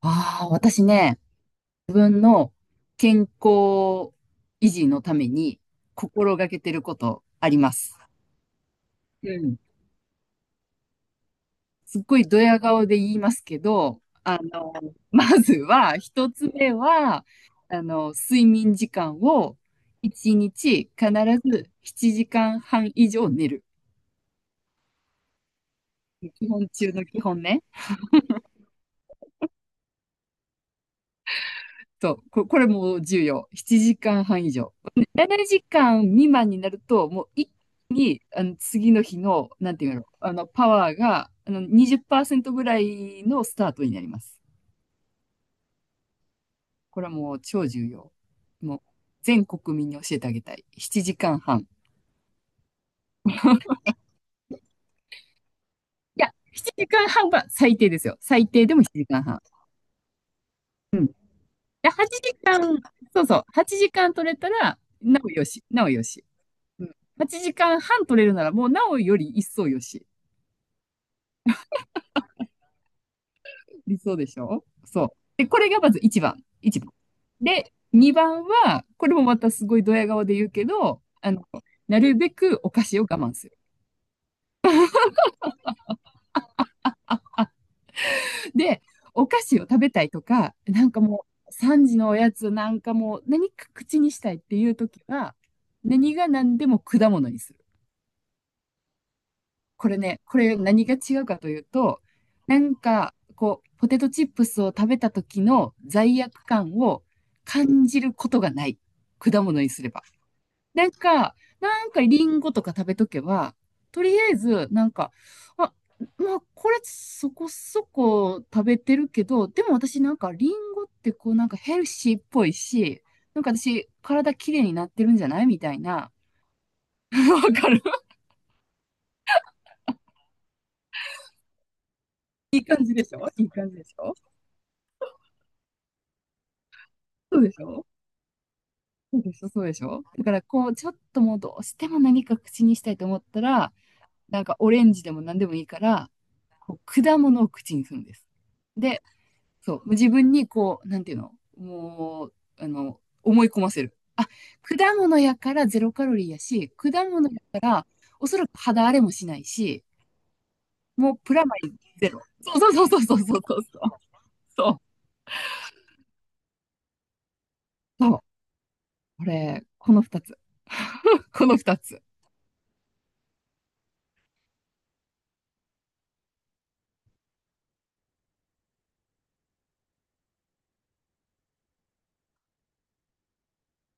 ああ、私ね、自分の健康維持のために心がけてることあります。うん。すっごいドヤ顔で言いますけど、まずは、一つ目は、睡眠時間を一日必ず7時間半以上寝る。基本中の基本ね。そう、これも重要。7時間半以上。7時間未満になると、もう一気に、次の日の、なんていうの、パワーが、20%ぐらいのスタートになります。これはもう超重要。もう、全国民に教えてあげたい。7時間半。いや、7時間半は最低ですよ。最低でも7時間半。いや、8時間、そうそう、8時間取れたら、なおよし、なおよし。うん、8時間半取れるなら、もうなおより一層よし。理想でしょ？そう。で、これがまず1番。一番。で、2番は、これもまたすごいドヤ顔で言うけど、なるべくお菓子を我慢する。で、お菓子を食べたいとか、なんかもう、3時のおやつなんかもう、何か口にしたいっていう時は、何が何でも果物にする。これね、これ何が違うかというと、なんか、こう、ポテトチップスを食べた時の罪悪感を感じることがない。果物にすれば。なんかリンゴとか食べとけば、とりあえず、なんか、あ、まあ、これそこそこ食べてるけど、でも私なんかリンゴってこうなんかヘルシーっぽいし、なんか私体きれいになってるんじゃないみたいな。わかる。いい感じでしょ？いい感じでしょ？そうでしょ？そうでしょ？そうでしょ？だからこう、ちょっともうどうしても何か口にしたいと思ったら、なんかオレンジでも何でもいいから、こう果物を口にするんです。で、そう、自分にこう、なんていうの、もう、思い込ませる。あ、果物やからゼロカロリーやし、果物やからおそらく肌荒れもしないし、もうプラマイゼロ。そうそうそうそうそうそうそうそう。そう。これ、この二つ。この二つ。っ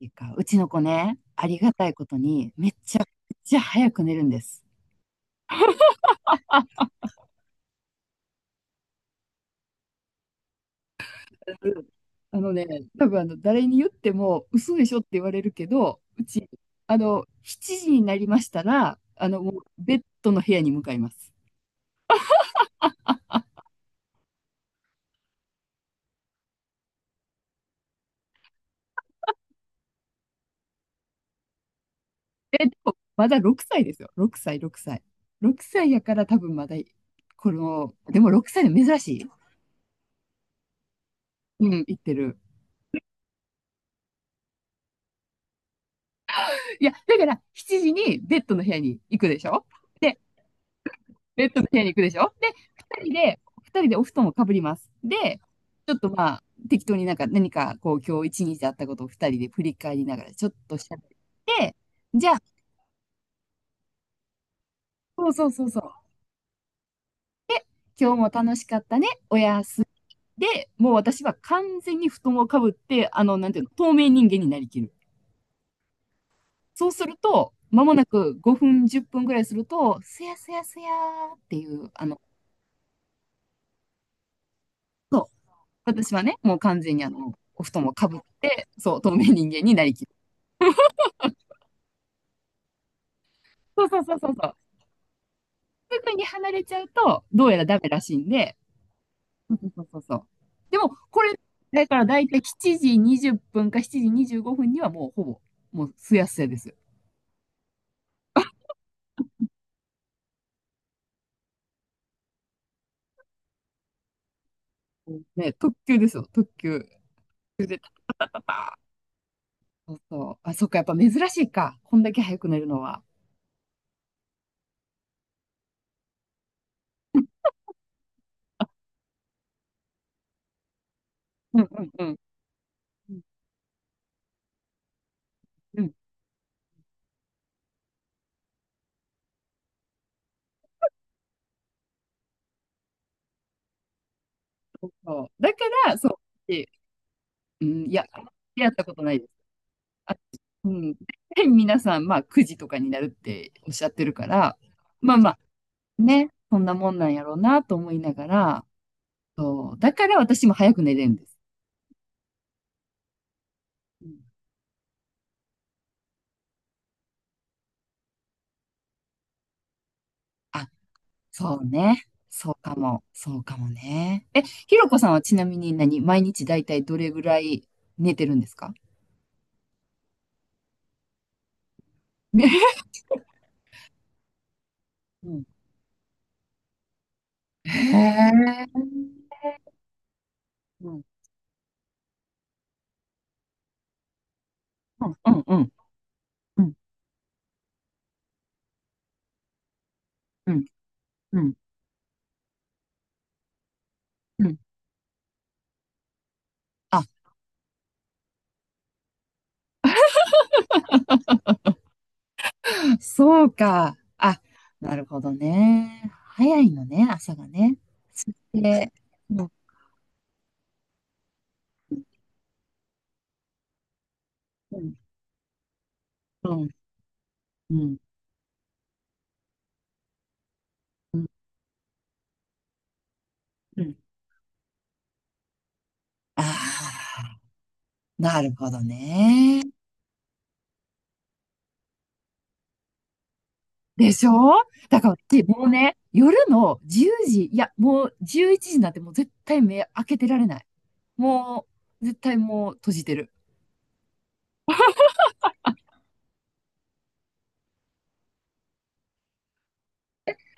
ていうか、うちの子ね、ありがたいことに、めっちゃくちゃ早く寝るんです。あのね、多分誰に言っても嘘でしょって言われるけど、うち、7時になりましたら、もうベッドの部屋に向かいます。え、でも、まだ6歳ですよ。6歳、6歳。6歳やから多分まだ、この、でも6歳で珍しい。うん、行ってる。いや、だから7時にベッドの部屋に行くでしょ？で、ベッドの部屋に行くでしょ？で、二人で、二人でお布団をかぶります。で、ちょっとまあ、適当になんか何かこう今日一日あったことを二人で振り返りながらちょっとしゃべって、じゃあ、そうそうそうそう、今日も楽しかったね、おやすみ。で、もう私は完全に布団をかぶって、なんていうの、透明人間になりきる。そうすると、まもなく5分、10分ぐらいすると、すやすやすやーっていう、そう、私はね、もう完全にお布団をかぶって、そう、透明人間になりきる。そうそうそうそうそう。すぐに離れちゃうと、どうやらダメらしいんで。そうそうそうそう。でも、これ、だから大体7時20分か7時25分にはもうほぼ、もうすやすやですよ。ね、特急ですよ、特急。それでそうそう。あ、そっか、やっぱ珍しいか。こんだけ早く寝るのは。うんうんうん。うんうんそう。だから、そう、で、うん、いや、やったことないです。あ、うん。で皆さん、まあ、9時とかになるっておっしゃってるから、まあま、ね、そんなもんなんやろうなと思いながら、そう、だから私も早く寝れるんです。うん、あ、そうね。そうかも。そうかもね。え、ひろこさんはちなみに何、毎日だいたいどれぐらい寝てるんですかね。うん。へえ。うん。うんうんうんうんうんうんうん。あ、そうか。あ、なるほどね。早いのね、朝がね。そして、うんうんうんうんうんうん、ああ、なるほどね。でしょ？だから、でもうね、夜の10時、いや、もう11時なんてもう絶対目開けてられない。もう、絶対もう閉じてる。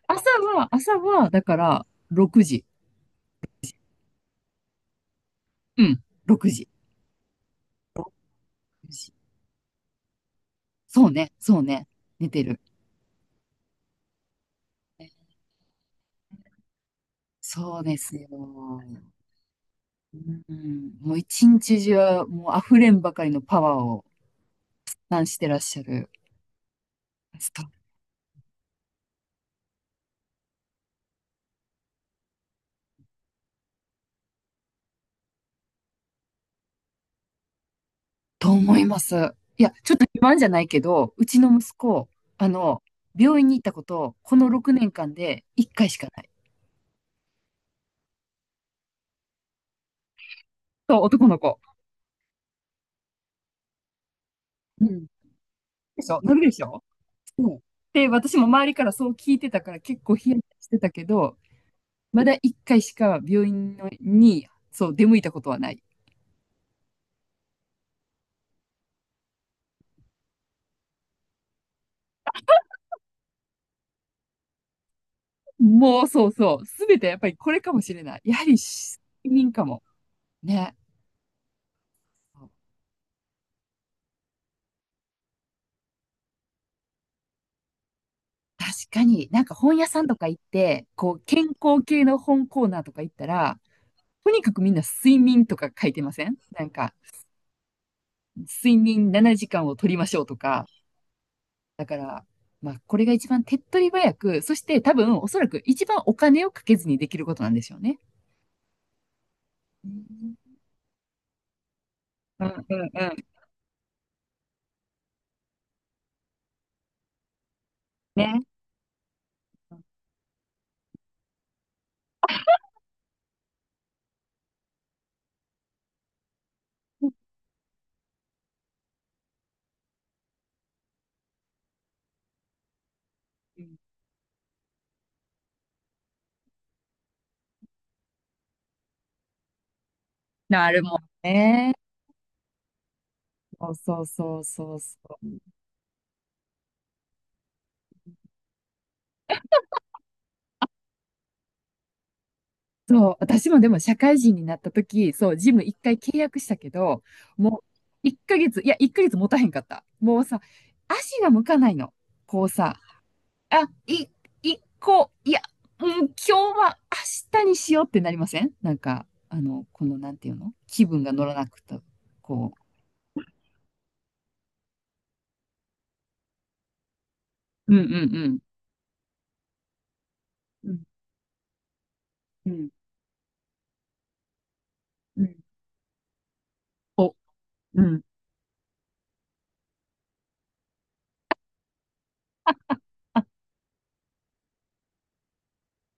朝は、朝は、だから、6時。うん、6時。ろくじ、そうね、そうね、寝てる。そうですよ。うん、もう一日中、もう溢れんばかりのパワーを、なんしてらっしゃる。と思います。いや、ちょっと自慢じゃないけど、うちの息子、あの、病院に行ったこと、この6年間で1回しかない。そう、男の子。うん。でしょ？なるでしょ？そう。で、私も周りからそう聞いてたから結構ヒヤヒヤしてたけど、まだ1回しか病院のに、そう、出向いたことはない。もう、そうそう。すべてやっぱりこれかもしれない。やはり、責任かも。ね。確かに、なんか本屋さんとか行って、こう、健康系の本コーナーとか行ったら、とにかくみんな睡眠とか書いてませんなんか、睡眠7時間を取りましょうとか。だから、まあ、これが一番手っ取り早く、そして多分、おそらく一番お金をかけずにできることなんでしょうね。うんうんうん。ね。なるもんね。そうそうそうそうそう。そう、私もでも社会人になった時、そう、ジム一回契約したけど、もう1ヶ月、いや、1ヶ月持たへんかった。もうさ、足が向かないの。こうさ、あ、い、一個、いや、うん、今日は明日にしようってなりませんなんか、この、なんていうの、気分が乗らなくて、こう。うんうんうん。うんうんうん。お、うん。